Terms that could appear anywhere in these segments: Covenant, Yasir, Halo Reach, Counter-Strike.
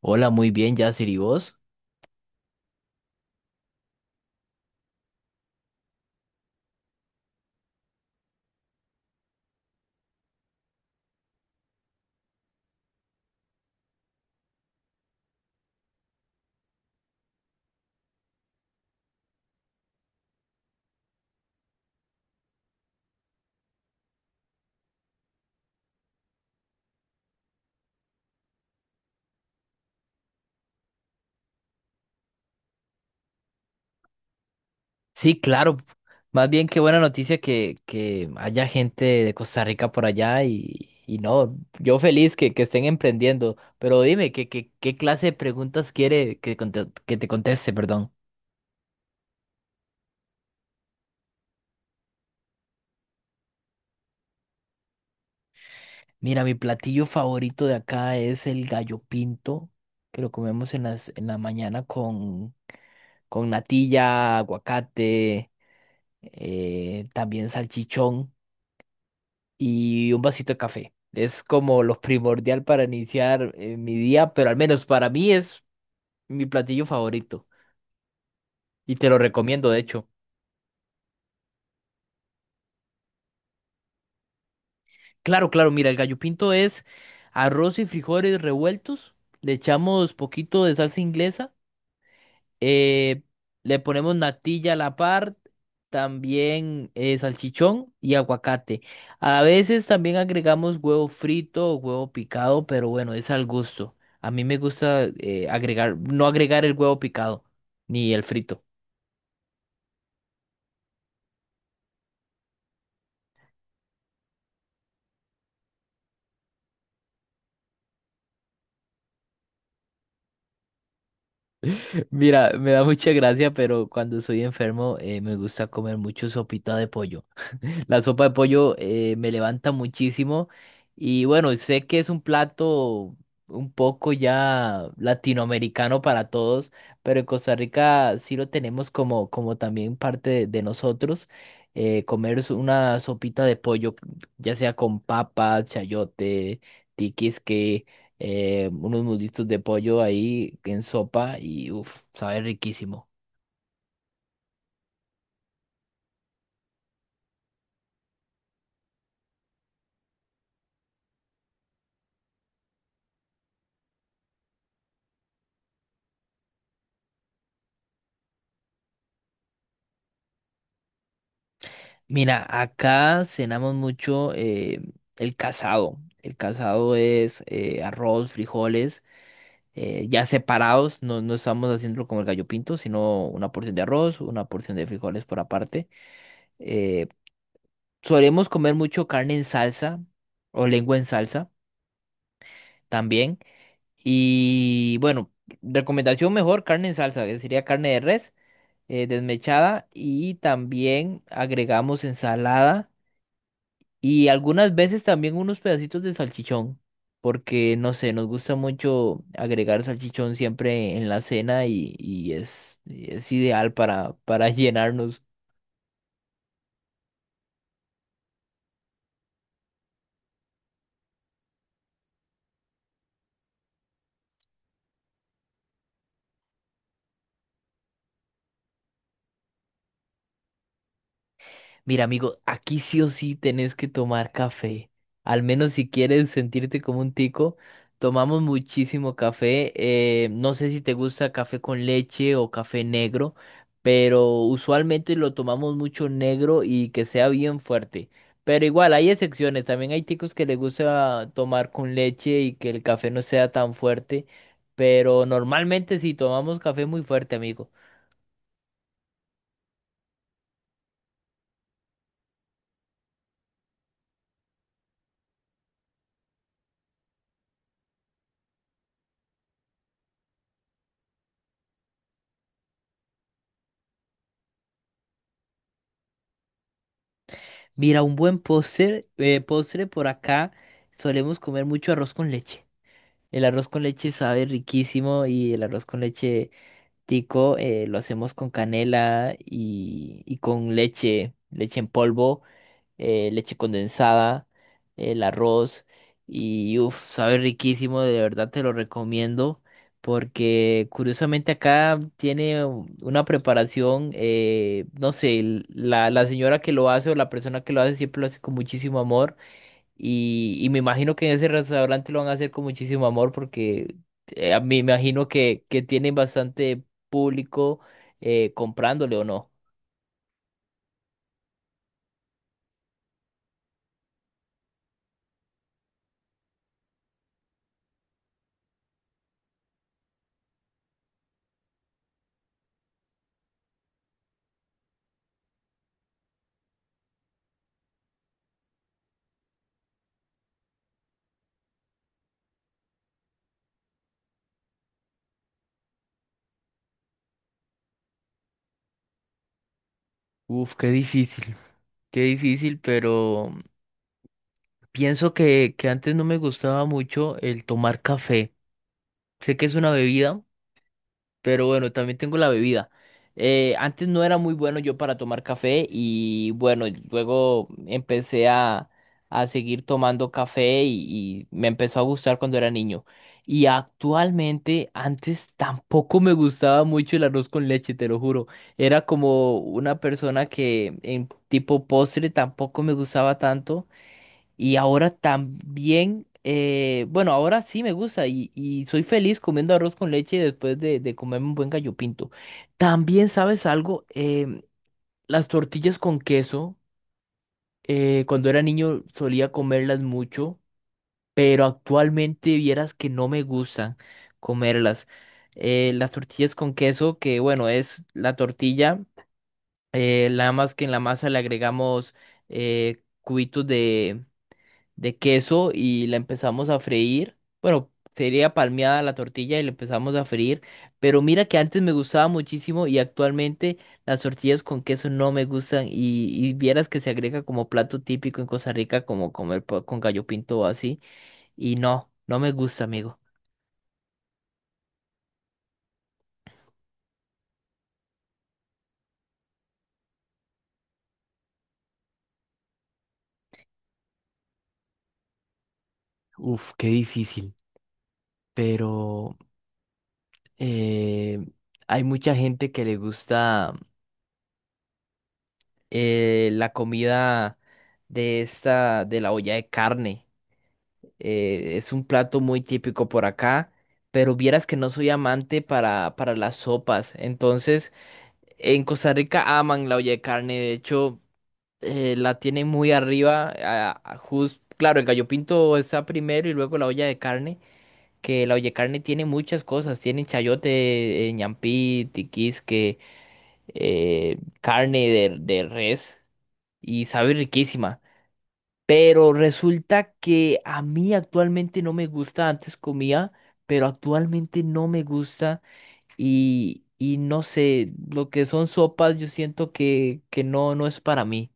Hola, muy bien, Yasir, ¿y vos? Sí, claro. Más bien qué buena noticia que haya gente de Costa Rica por allá y no, yo feliz que estén emprendiendo. Pero dime, ¿qué clase de preguntas quiere que te conteste, perdón? Mira, mi platillo favorito de acá es el gallo pinto, que lo comemos en la mañana con natilla, aguacate, también salchichón y un vasito de café. Es como lo primordial para iniciar mi día, pero al menos para mí es mi platillo favorito, y te lo recomiendo, de hecho. Claro, claro, mira, el gallo pinto es arroz y frijoles revueltos, le echamos poquito de salsa inglesa, eh, le ponemos natilla a la par, también salchichón y aguacate. A veces también agregamos huevo frito o huevo picado, pero bueno, es al gusto. A mí me gusta agregar, no agregar el huevo picado ni el frito. Mira, me da mucha gracia, pero cuando soy enfermo me gusta comer mucho sopita de pollo. La sopa de pollo me levanta muchísimo y bueno, sé que es un plato un poco ya latinoamericano para todos, pero en Costa Rica sí lo tenemos como, como también parte de nosotros. Comer es una sopita de pollo, ya sea con papa, chayote, tiquisque, unos muslitos de pollo ahí en sopa y uff, sabe riquísimo. Mira, acá cenamos mucho, el casado. El casado es arroz, frijoles, ya separados, no estamos haciendo como el gallo pinto, sino una porción de arroz, una porción de frijoles por aparte. Eh, Solemos comer mucho carne en salsa o lengua en salsa también. Y bueno, recomendación mejor, carne en salsa, que sería carne de res, desmechada, y también agregamos ensalada y algunas veces también unos pedacitos de salchichón, porque no sé, nos gusta mucho agregar salchichón siempre en la cena y es ideal para llenarnos. Mira, amigo, aquí sí o sí tenés que tomar café. Al menos si quieres sentirte como un tico, tomamos muchísimo café. No sé si te gusta café con leche o café negro, pero usualmente lo tomamos mucho negro y que sea bien fuerte. Pero igual, hay excepciones. También hay ticos que les gusta tomar con leche y que el café no sea tan fuerte. Pero normalmente sí tomamos café muy fuerte, amigo. Mira, un buen postre, postre por acá solemos comer mucho arroz con leche. El arroz con leche sabe riquísimo, y el arroz con leche tico lo hacemos con canela y con leche, leche en polvo, leche condensada, el arroz, y uff, sabe riquísimo, de verdad te lo recomiendo, porque curiosamente acá tiene una preparación, no sé, la, la señora que lo hace o la persona que lo hace siempre lo hace con muchísimo amor, y me imagino que en ese restaurante lo van a hacer con muchísimo amor, porque a mí me imagino que tienen bastante público comprándole o no. Uf, qué difícil, pero pienso que antes no me gustaba mucho el tomar café. Sé que es una bebida, pero bueno, también tengo la bebida. Antes no era muy bueno yo para tomar café, y bueno, luego empecé a seguir tomando café y me empezó a gustar cuando era niño. Y actualmente antes tampoco me gustaba mucho el arroz con leche, te lo juro. Era como una persona que en tipo postre tampoco me gustaba tanto. Y ahora también, bueno, ahora sí me gusta y soy feliz comiendo arroz con leche después de comerme un buen gallo pinto. También, ¿sabes algo? Em, las tortillas con queso, cuando era niño solía comerlas mucho, pero actualmente vieras que no me gustan comerlas. Las tortillas con queso, que bueno, es la tortilla, nada más que en la masa le agregamos cubitos de queso y la empezamos a freír. Bueno, sería palmeada la tortilla y la empezamos a freír. Pero mira que antes me gustaba muchísimo y actualmente las tortillas con queso no me gustan. Y vieras que se agrega como plato típico en Costa Rica, como comer con gallo pinto o así. Y no, no me gusta, amigo. Uf, qué difícil, pero eh, hay mucha gente que le gusta la comida de esta, de la olla de carne. Es un plato muy típico por acá, pero vieras que no soy amante para las sopas. Entonces, en Costa Rica aman la olla de carne, de hecho, la tienen muy arriba. Claro, el gallo pinto está primero y luego la olla de carne, que la olla de carne tiene muchas cosas, tiene chayote, ñampí, tiquisque, carne de res, y sabe riquísima. Pero resulta que a mí actualmente no me gusta, antes comía, pero actualmente no me gusta, y no sé, lo que son sopas yo siento que no, no es para mí.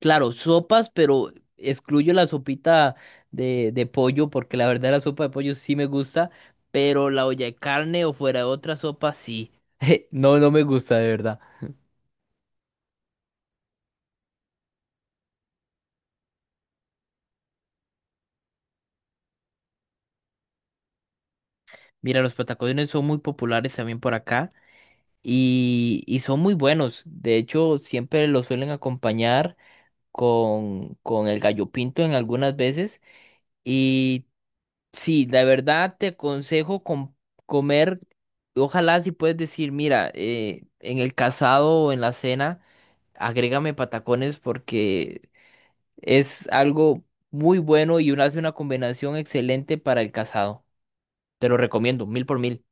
Claro, sopas, pero excluyo la sopita de pollo, porque la verdad la sopa de pollo sí me gusta, pero la olla de carne o fuera de otra sopa sí. No, no me gusta de verdad. Mira, los patacones son muy populares también por acá, y son muy buenos. De hecho, siempre los suelen acompañar con el gallo pinto en algunas veces. Y sí, la verdad te aconsejo comer, ojalá si puedes decir, mira, en el casado o en la cena, agrégame patacones, porque es algo muy bueno y una, hace una combinación excelente para el casado. Te lo recomiendo, mil por mil.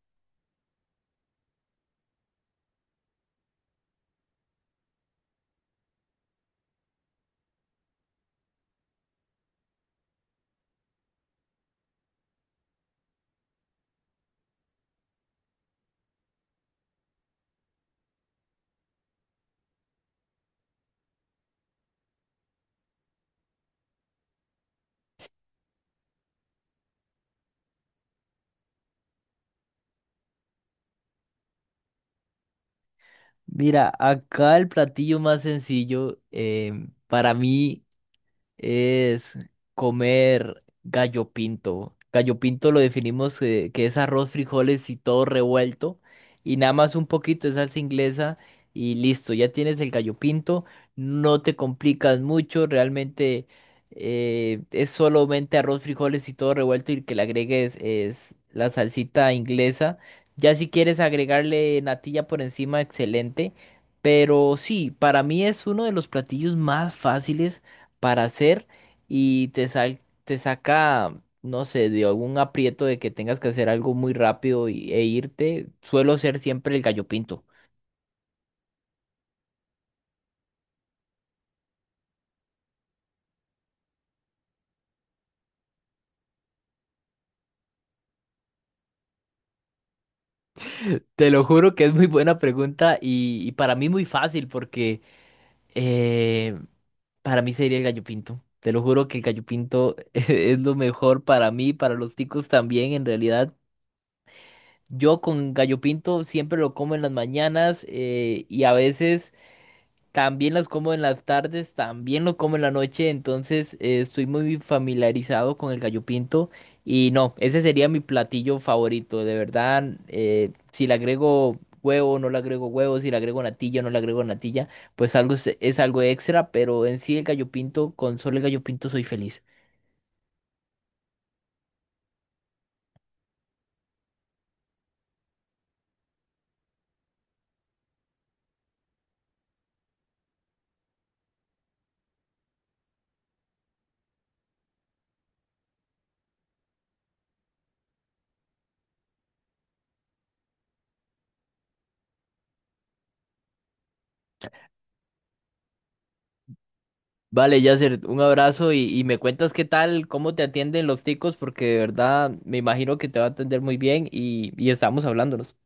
Mira, acá el platillo más sencillo, em, para mí es comer gallo pinto. Gallo pinto lo definimos que es arroz, frijoles y todo revuelto. Y nada más un poquito de salsa inglesa y listo, ya tienes el gallo pinto. No te complicas mucho, realmente es solamente arroz, frijoles y todo revuelto y que le agregues es la salsita inglesa. Ya si quieres agregarle natilla por encima, excelente. Pero sí, para mí es uno de los platillos más fáciles para hacer, y te saca, no sé, de algún aprieto de que tengas que hacer algo muy rápido e irte, suelo ser siempre el gallo pinto. Te lo juro que es muy buena pregunta y para mí muy fácil, porque eh, para mí sería el gallo pinto. Te lo juro que el gallo pinto es lo mejor para mí, para los ticos también en realidad. Yo con gallo pinto siempre lo como en las mañanas, y a veces... También las como en las tardes, también lo como en la noche, entonces estoy muy familiarizado con el gallo pinto, y no, ese sería mi platillo favorito, de verdad, si le agrego huevo, no le agrego huevo, si le agrego natilla, no le agrego natilla, pues algo es algo extra, pero en sí el gallo pinto, con solo el gallo pinto soy feliz. Vale, Yasser, un abrazo y me cuentas qué tal, cómo te atienden los ticos, porque de verdad me imagino que te va a atender muy bien y estamos hablándonos.